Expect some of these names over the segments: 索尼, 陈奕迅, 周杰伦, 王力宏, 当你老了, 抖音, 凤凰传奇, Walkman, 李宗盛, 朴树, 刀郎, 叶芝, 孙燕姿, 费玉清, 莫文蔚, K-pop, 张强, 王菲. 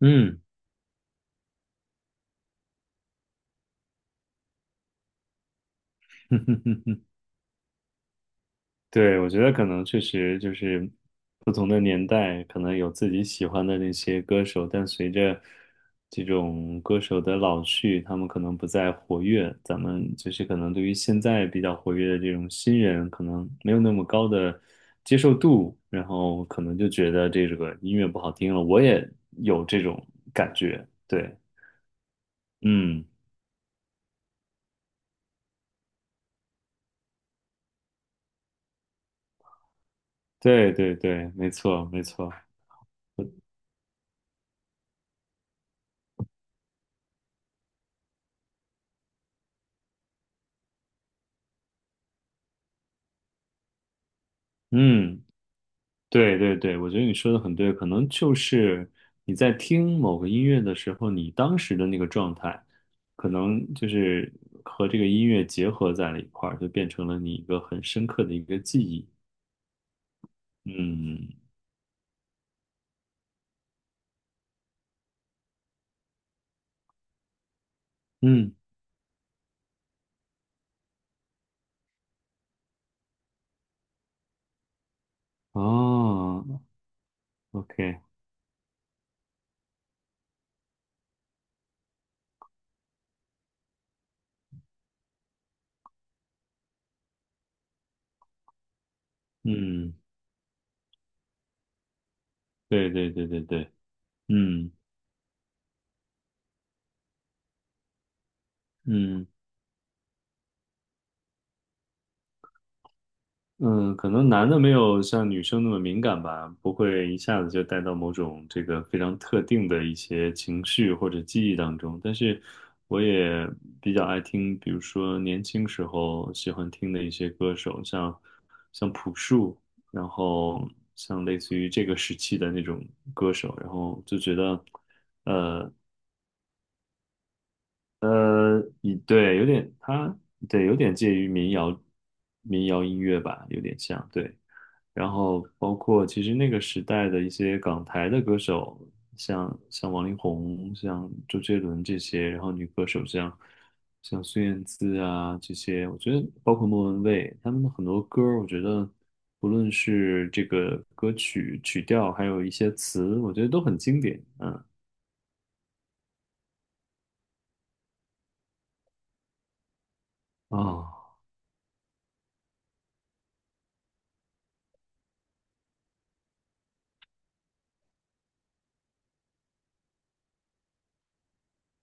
嗯，对，我觉得可能确实就是不同的年代，可能有自己喜欢的那些歌手，但随着这种歌手的老去，他们可能不再活跃，咱们就是可能对于现在比较活跃的这种新人，可能没有那么高的接受度，然后可能就觉得这个音乐不好听了。我也有这种感觉，对，嗯，对对对，没错没错。嗯。对对对，我觉得你说的很对，可能就是你在听某个音乐的时候，你当时的那个状态，可能就是和这个音乐结合在了一块儿，就变成了你一个很深刻的一个记忆。嗯嗯，哦，OK，嗯，对对对对对，嗯嗯。嗯，可能男的没有像女生那么敏感吧，不会一下子就带到某种这个非常特定的一些情绪或者记忆当中。但是我也比较爱听，比如说年轻时候喜欢听的一些歌手，像朴树，然后像类似于这个时期的那种歌手，然后就觉得，呃，你对，有点他对，有点介于民谣音乐吧，有点像，对。然后包括其实那个时代的一些港台的歌手，像王力宏、像周杰伦这些，然后女歌手像孙燕姿啊这些，我觉得包括莫文蔚，他们的很多歌儿我觉得不论是这个歌曲曲调，还有一些词，我觉得都很经典。嗯啊，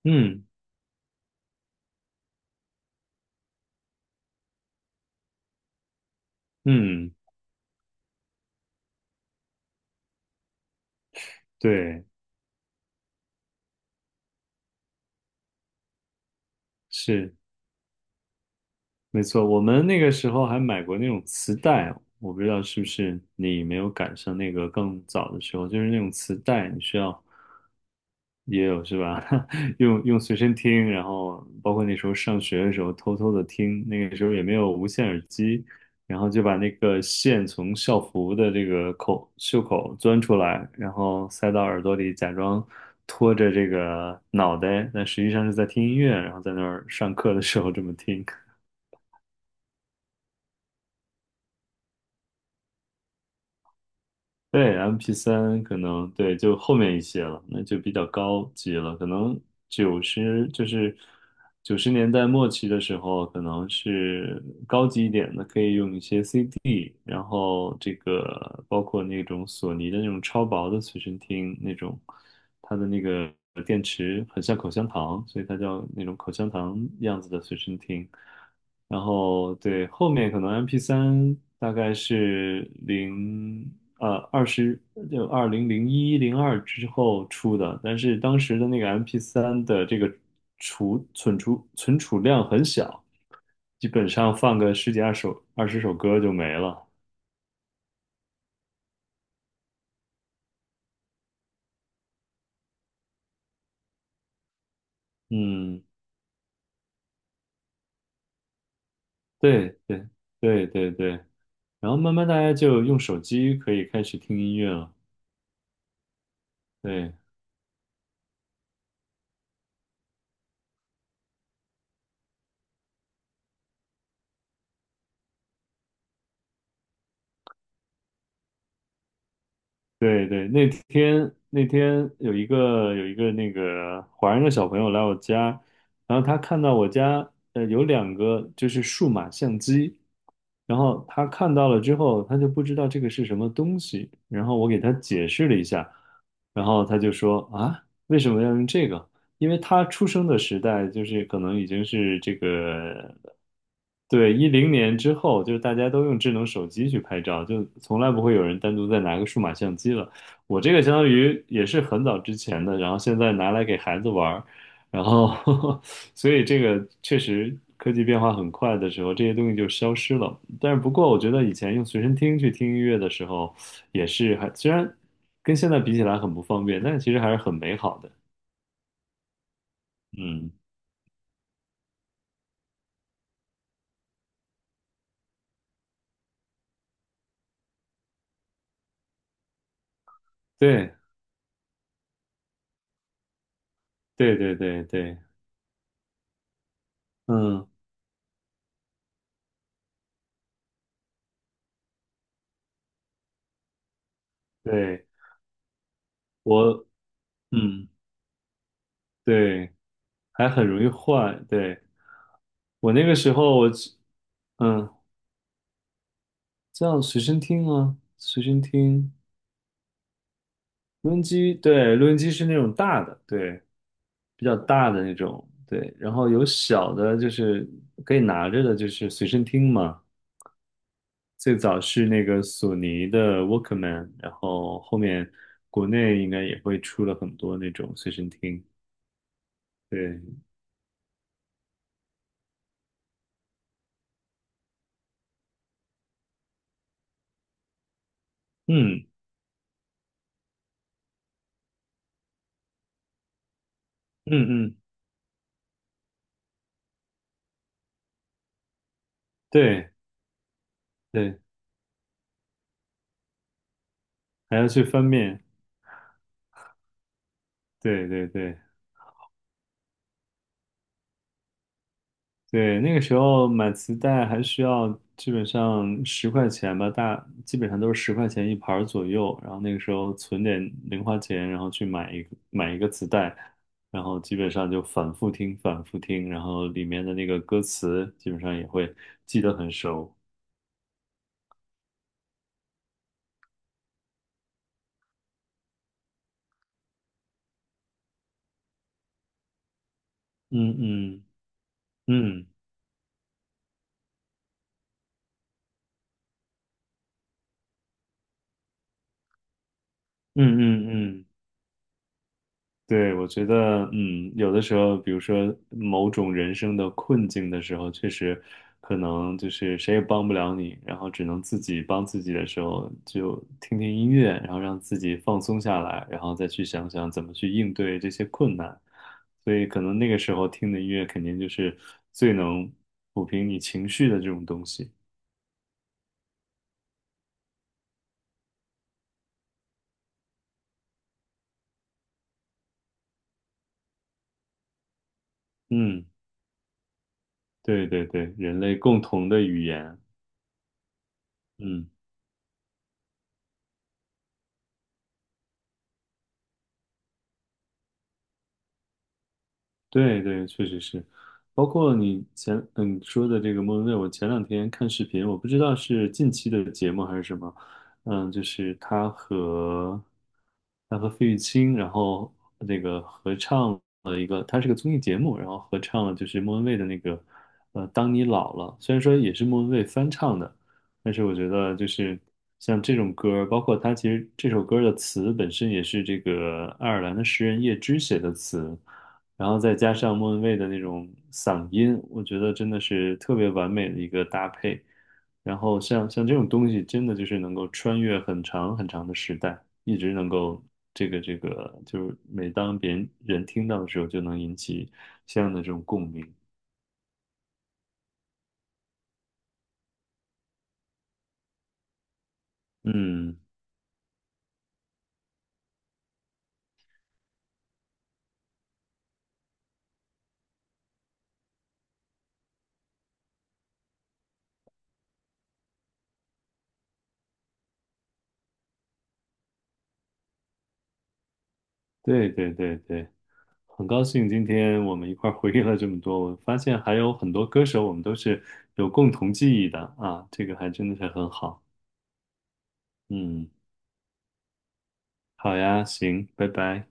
嗯嗯，对，是。没错，我们那个时候还买过那种磁带啊，我不知道是不是你没有赶上那个更早的时候，就是那种磁带，你需要也有是吧？用随身听，然后包括那时候上学的时候偷偷的听，那个时候也没有无线耳机，然后就把那个线从校服的这个口袖口钻出来，然后塞到耳朵里，假装拖着这个脑袋，但实际上是在听音乐，然后在那儿上课的时候这么听。对， m p 三可能对，就后面一些了，那就比较高级了。可能九十就是90年代末期的时候，可能是高级一点的，可以用一些 CD，然后这个包括那种索尼的那种超薄的随身听那种，它的那个。很像口香糖，所以它叫那种口香糖样子的随身听。然后对，后面可能 m p 三大概是零呃二十就二零零一零二之后出的，但是当时的那个 m p 三的这个储量很小，基本上放个十几20首歌就没了。嗯，对对对对对，然后慢慢大家就用手机可以开始听音乐了。对。对对，那天有一个那个华人的小朋友来我家，然后他看到我家有两个就是数码相机，然后他看到了之后，他就不知道这个是什么东西，然后我给他解释了一下，然后他就说啊，为什么要用这个？因为他出生的时代就是可能已经是这个，对，2010年之后，就是大家都用智能手机去拍照，就从来不会有人单独再拿个数码相机了。我这个相当于也是很早之前的，然后现在拿来给孩子玩儿，然后 所以这个确实科技变化很快的时候，这些东西就消失了。但是不过，我觉得以前用随身听去听音乐的时候，也是还虽然跟现在比起来很不方便，但其实还是很美好的。嗯。对对对对对，嗯，对我，嗯，对，还很容易坏。对我那个时候我只嗯，叫随身听啊，随身听，录音机，对，录音机是那种大的，对，比较大的那种，对，然后有小的，就是可以拿着的，就是随身听嘛。最早是那个索尼的 Walkman，然后后面国内应该也会出了很多那种随身听，对。嗯，嗯嗯，对对，还要去翻面，对对对对，那个时候买磁带还需要基本上十块钱吧，大基本上都是十块钱一盘儿左右，然后那个时候存点零花钱，然后去买一个磁带，然后基本上就反复听反复听，然后里面的那个歌词基本上也会记得很熟，嗯嗯嗯嗯嗯嗯。嗯对，我觉得，嗯，有的时候，比如说某种人生的困境的时候，确实可能就是谁也帮不了你，然后只能自己帮自己的时候，就听听音乐，然后让自己放松下来，然后再去想想怎么去应对这些困难。所以，可能那个时候听的音乐肯定就是最能抚平你情绪的这种东西。嗯，对对对，人类共同的语言。嗯。对对，确实是，包括你前说的这个莫文蔚，我前两天看视频，我不知道是近期的节目还是什么，嗯，就是他和费玉清，然后那个合唱了一个，他是个综艺节目，然后合唱了就是莫文蔚的那个《当你老了》，虽然说也是莫文蔚翻唱的，但是我觉得就是像这种歌包括他其实这首歌的词本身也是这个爱尔兰的诗人叶芝写的词。然后再加上莫文蔚的那种嗓音，我觉得真的是特别完美的一个搭配。然后像这种东西，真的就是能够穿越很长很长的时代，一直能够这个，就是每当别人听到的时候，就能引起相应的这种共鸣。嗯，对对对对，很高兴今天我们一块儿回忆了这么多，我发现还有很多歌手我们都是有共同记忆的啊，这个还真的是很好。嗯。好呀，行，拜拜。